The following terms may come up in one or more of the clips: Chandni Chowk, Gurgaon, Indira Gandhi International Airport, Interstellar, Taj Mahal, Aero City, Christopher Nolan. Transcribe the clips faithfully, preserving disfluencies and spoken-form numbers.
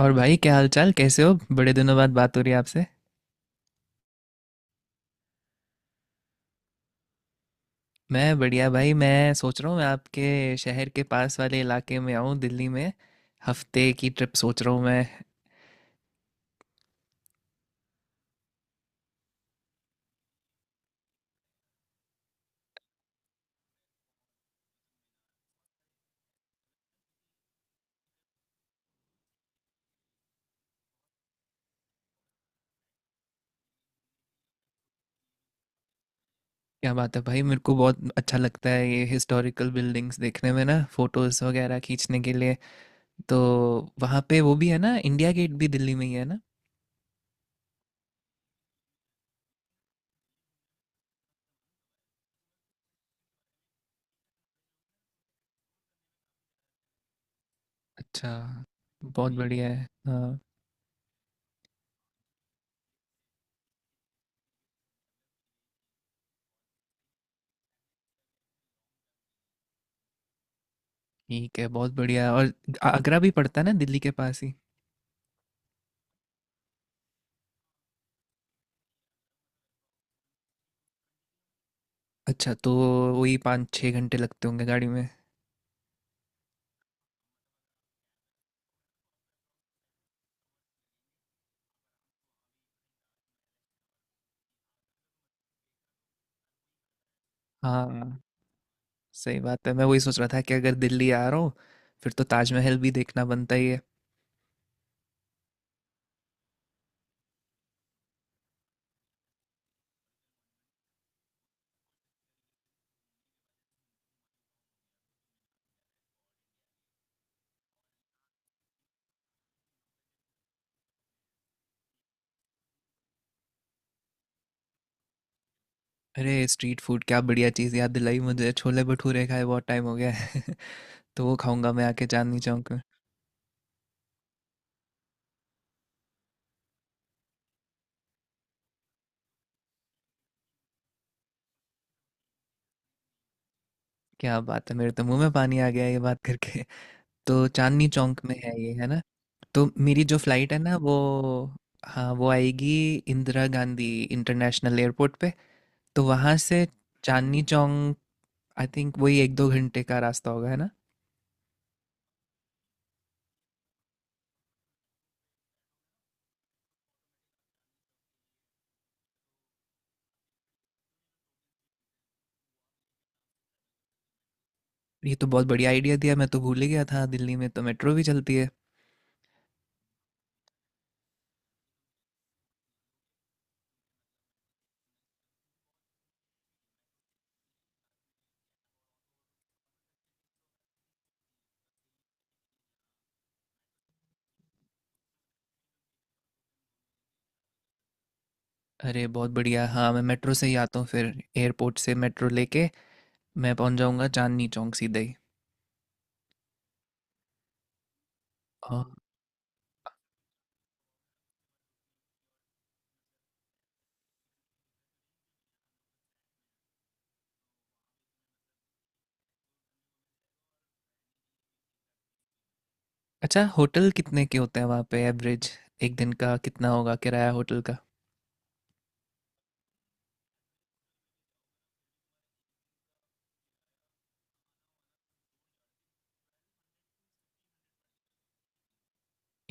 और भाई क्या हाल चाल कैसे हो? बड़े दिनों बाद बात हो रही है आपसे। मैं बढ़िया भाई। मैं सोच रहा हूँ मैं आपके शहर के पास वाले इलाके में आऊँ, दिल्ली में। हफ्ते की ट्रिप सोच रहा हूँ मैं। क्या बात है भाई! मेरे को बहुत अच्छा लगता है ये हिस्टोरिकल बिल्डिंग्स देखने में ना, फोटोज़ वगैरह खींचने के लिए। तो वहाँ पे वो भी है ना, इंडिया गेट भी दिल्ली में ही है ना। अच्छा, बहुत बढ़िया है। हाँ। ठीक है, बहुत बढ़िया है। और आ- आगरा भी पड़ता है ना दिल्ली के पास ही। अच्छा, तो वही पाँच छः घंटे लगते होंगे गाड़ी में। हाँ, सही बात है। मैं वही सोच रहा था कि अगर दिल्ली आ रहा हूँ फिर तो ताजमहल भी देखना बनता ही है। अरे स्ट्रीट फूड! क्या बढ़िया चीज़ याद दिलाई। मुझे छोले भटूरे खाए बहुत टाइम हो गया है। तो वो खाऊंगा मैं आके चांदनी चौक में। क्या बात है, मेरे तो मुंह में पानी आ गया ये बात करके। तो चांदनी चौक में है ये, है ना? तो मेरी जो फ्लाइट है ना वो, हाँ, वो आएगी इंदिरा गांधी इंटरनेशनल एयरपोर्ट पे। तो वहाँ से चांदनी चौक आई थिंक वही एक दो घंटे का रास्ता होगा, है ना? ये तो बहुत बढ़िया आइडिया दिया। मैं तो भूल ही गया था दिल्ली में तो मेट्रो भी चलती है। अरे बहुत बढ़िया! हाँ, मैं मेट्रो से ही आता हूँ फिर। एयरपोर्ट से मेट्रो लेके मैं पहुँच जाऊँगा चांदनी चौक सीधे ही। और अच्छा, होटल कितने के होते हैं वहाँ पे एवरेज? एक दिन का कितना होगा किराया होटल का?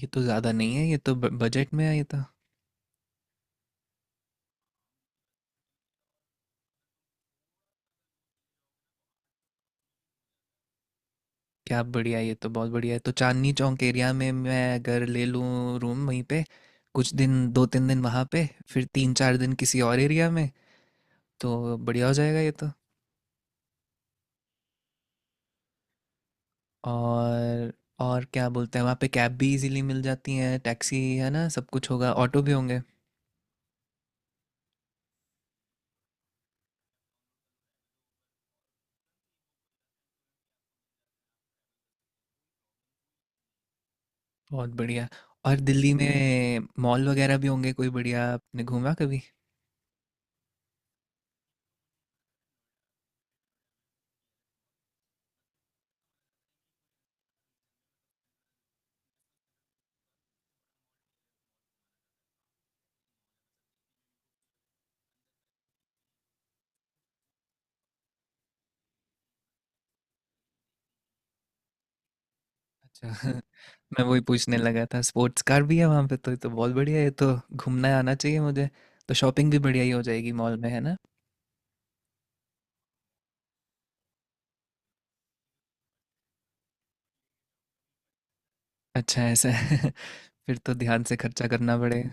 ये तो ज़्यादा नहीं है, ये तो ब- बजट में है ये तो। क्या बढ़िया! ये तो बहुत बढ़िया है। तो चांदनी चौक एरिया में मैं अगर ले लूँ रूम वहीं पे, कुछ दिन, दो तीन दिन वहाँ पे, फिर तीन चार दिन किसी और एरिया में, तो बढ़िया हो जाएगा ये तो। और और क्या बोलते हैं, वहाँ पे कैब भी इजीली मिल जाती है, टैक्सी, है ना? सब कुछ होगा, ऑटो भी होंगे। बहुत बढ़िया। और दिल्ली में मॉल वगैरह भी होंगे कोई बढ़िया? आपने घूमा कभी? अच्छा। मैं वही पूछने लगा था, स्पोर्ट्स कार भी है वहाँ पे तो? ये तो बहुत बढ़िया है। तो घूमना आना चाहिए मुझे। तो शॉपिंग भी बढ़िया ही हो जाएगी मॉल में, है ना? अच्छा, ऐसा है? फिर तो ध्यान से खर्चा करना पड़ेगा।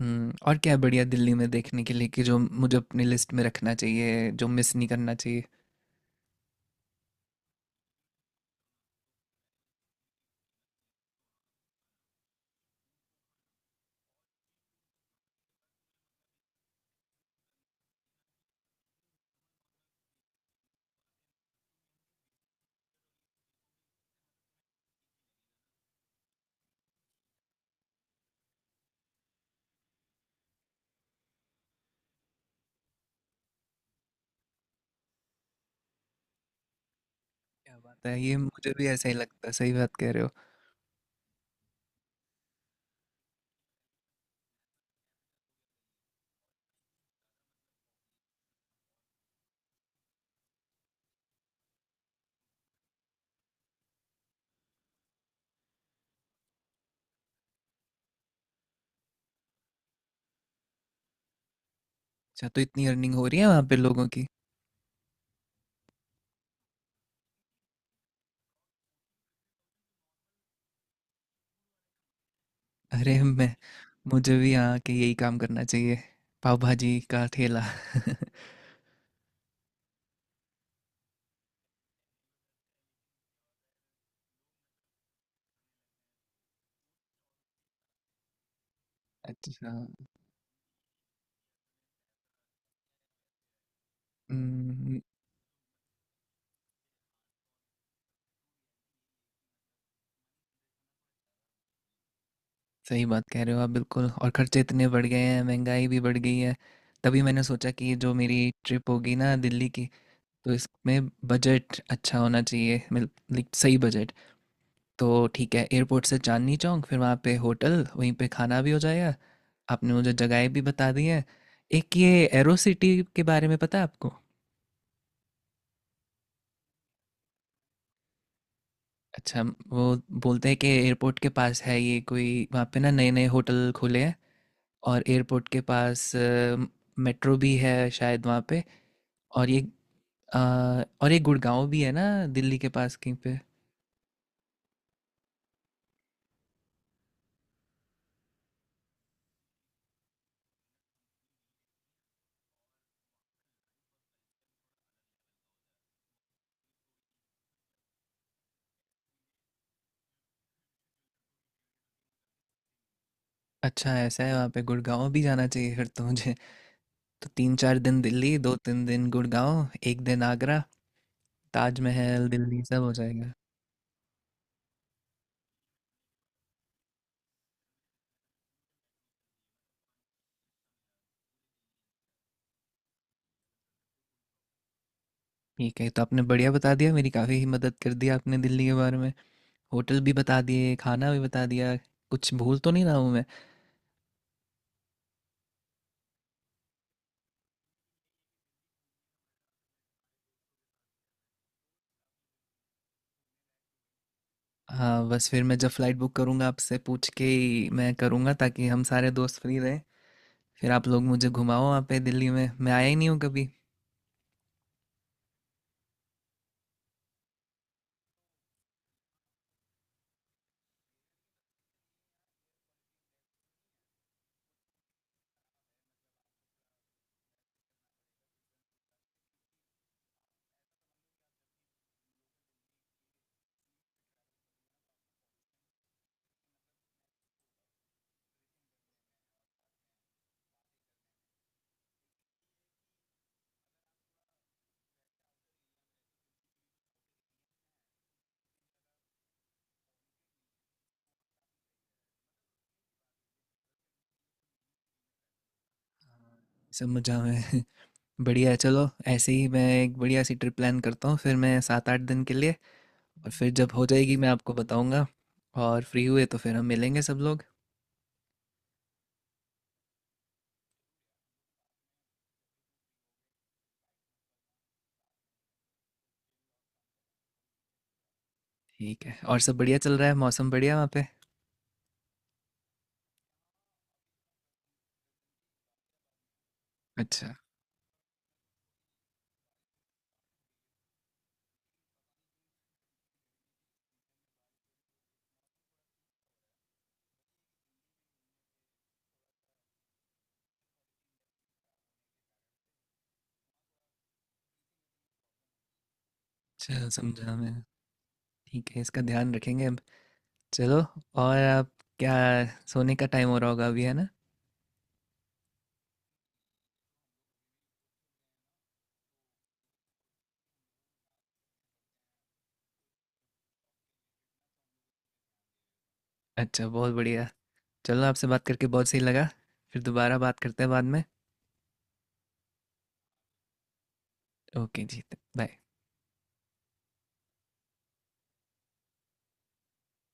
हम्म। और क्या है बढ़िया दिल्ली में देखने के लिए कि जो मुझे अपनी लिस्ट में रखना चाहिए, जो मिस नहीं करना चाहिए? क्या बात है! ये मुझे भी ऐसा ही लगता है। सही बात कह रहे हो। अच्छा, तो इतनी अर्निंग हो रही है वहाँ पे लोगों की? अरे मैं, मुझे भी यहाँ के यही काम करना चाहिए, पाव भाजी का ठेला। अच्छा। हम्म। सही बात कह रहे हो आप बिल्कुल। और खर्चे इतने बढ़ गए हैं, महंगाई भी बढ़ गई है। तभी मैंने सोचा कि ये जो मेरी ट्रिप होगी ना दिल्ली की, तो इसमें बजट अच्छा होना चाहिए, मिल- लाइक सही बजट। तो ठीक है, एयरपोर्ट से चांदनी चौक, फिर वहाँ पे होटल, वहीं पे खाना भी हो जाएगा। आपने मुझे जगहें भी बता दी हैं। एक ये एरो सिटी के बारे में पता है आपको? अच्छा। वो बोलते हैं कि एयरपोर्ट के पास है ये कोई। वहाँ पे ना, नए नए होटल खुले हैं और एयरपोर्ट के पास मेट्रो भी है शायद वहाँ पे। और ये अ, और ये गुड़गांव भी है ना, दिल्ली के पास कहीं पे? अच्छा, ऐसा है? वहाँ पे गुड़गांव भी जाना चाहिए फिर तो मुझे। तो तीन चार दिन दिल्ली, दो तीन दिन गुड़गांव, एक दिन आगरा, ताजमहल, दिल्ली सब हो जाएगा। ठीक है, तो आपने बढ़िया बता दिया। मेरी काफ़ी ही मदद कर दी आपने दिल्ली के बारे में। होटल भी बता दिए, खाना भी बता दिया। कुछ भूल तो नहीं रहा हूँ मैं? हाँ, बस फिर मैं जब फ़्लाइट बुक करूँगा आपसे पूछ के ही मैं करूँगा, ताकि हम सारे दोस्त फ्री रहें। फिर आप लोग मुझे घुमाओ वहाँ पे। दिल्ली में मैं आया ही नहीं हूँ कभी। सब मजा में! बढ़िया है, चलो। ऐसे ही मैं एक बढ़िया सी ट्रिप प्लान करता हूँ फिर मैं, सात आठ दिन के लिए। और फिर जब हो जाएगी मैं आपको बताऊँगा। और फ्री हुए तो फिर हम मिलेंगे सब लोग। ठीक है। और सब बढ़िया चल रहा है? मौसम बढ़िया वहाँ पे? अच्छा। अच्छा, समझा मैं। ठीक है, इसका ध्यान रखेंगे अब। चलो। और आप क्या, सोने का टाइम हो रहा होगा अभी, है ना? अच्छा, बहुत बढ़िया। चलो, आपसे बात करके बहुत सही लगा। फिर दोबारा बात करते हैं बाद में। ओके जी। बाय।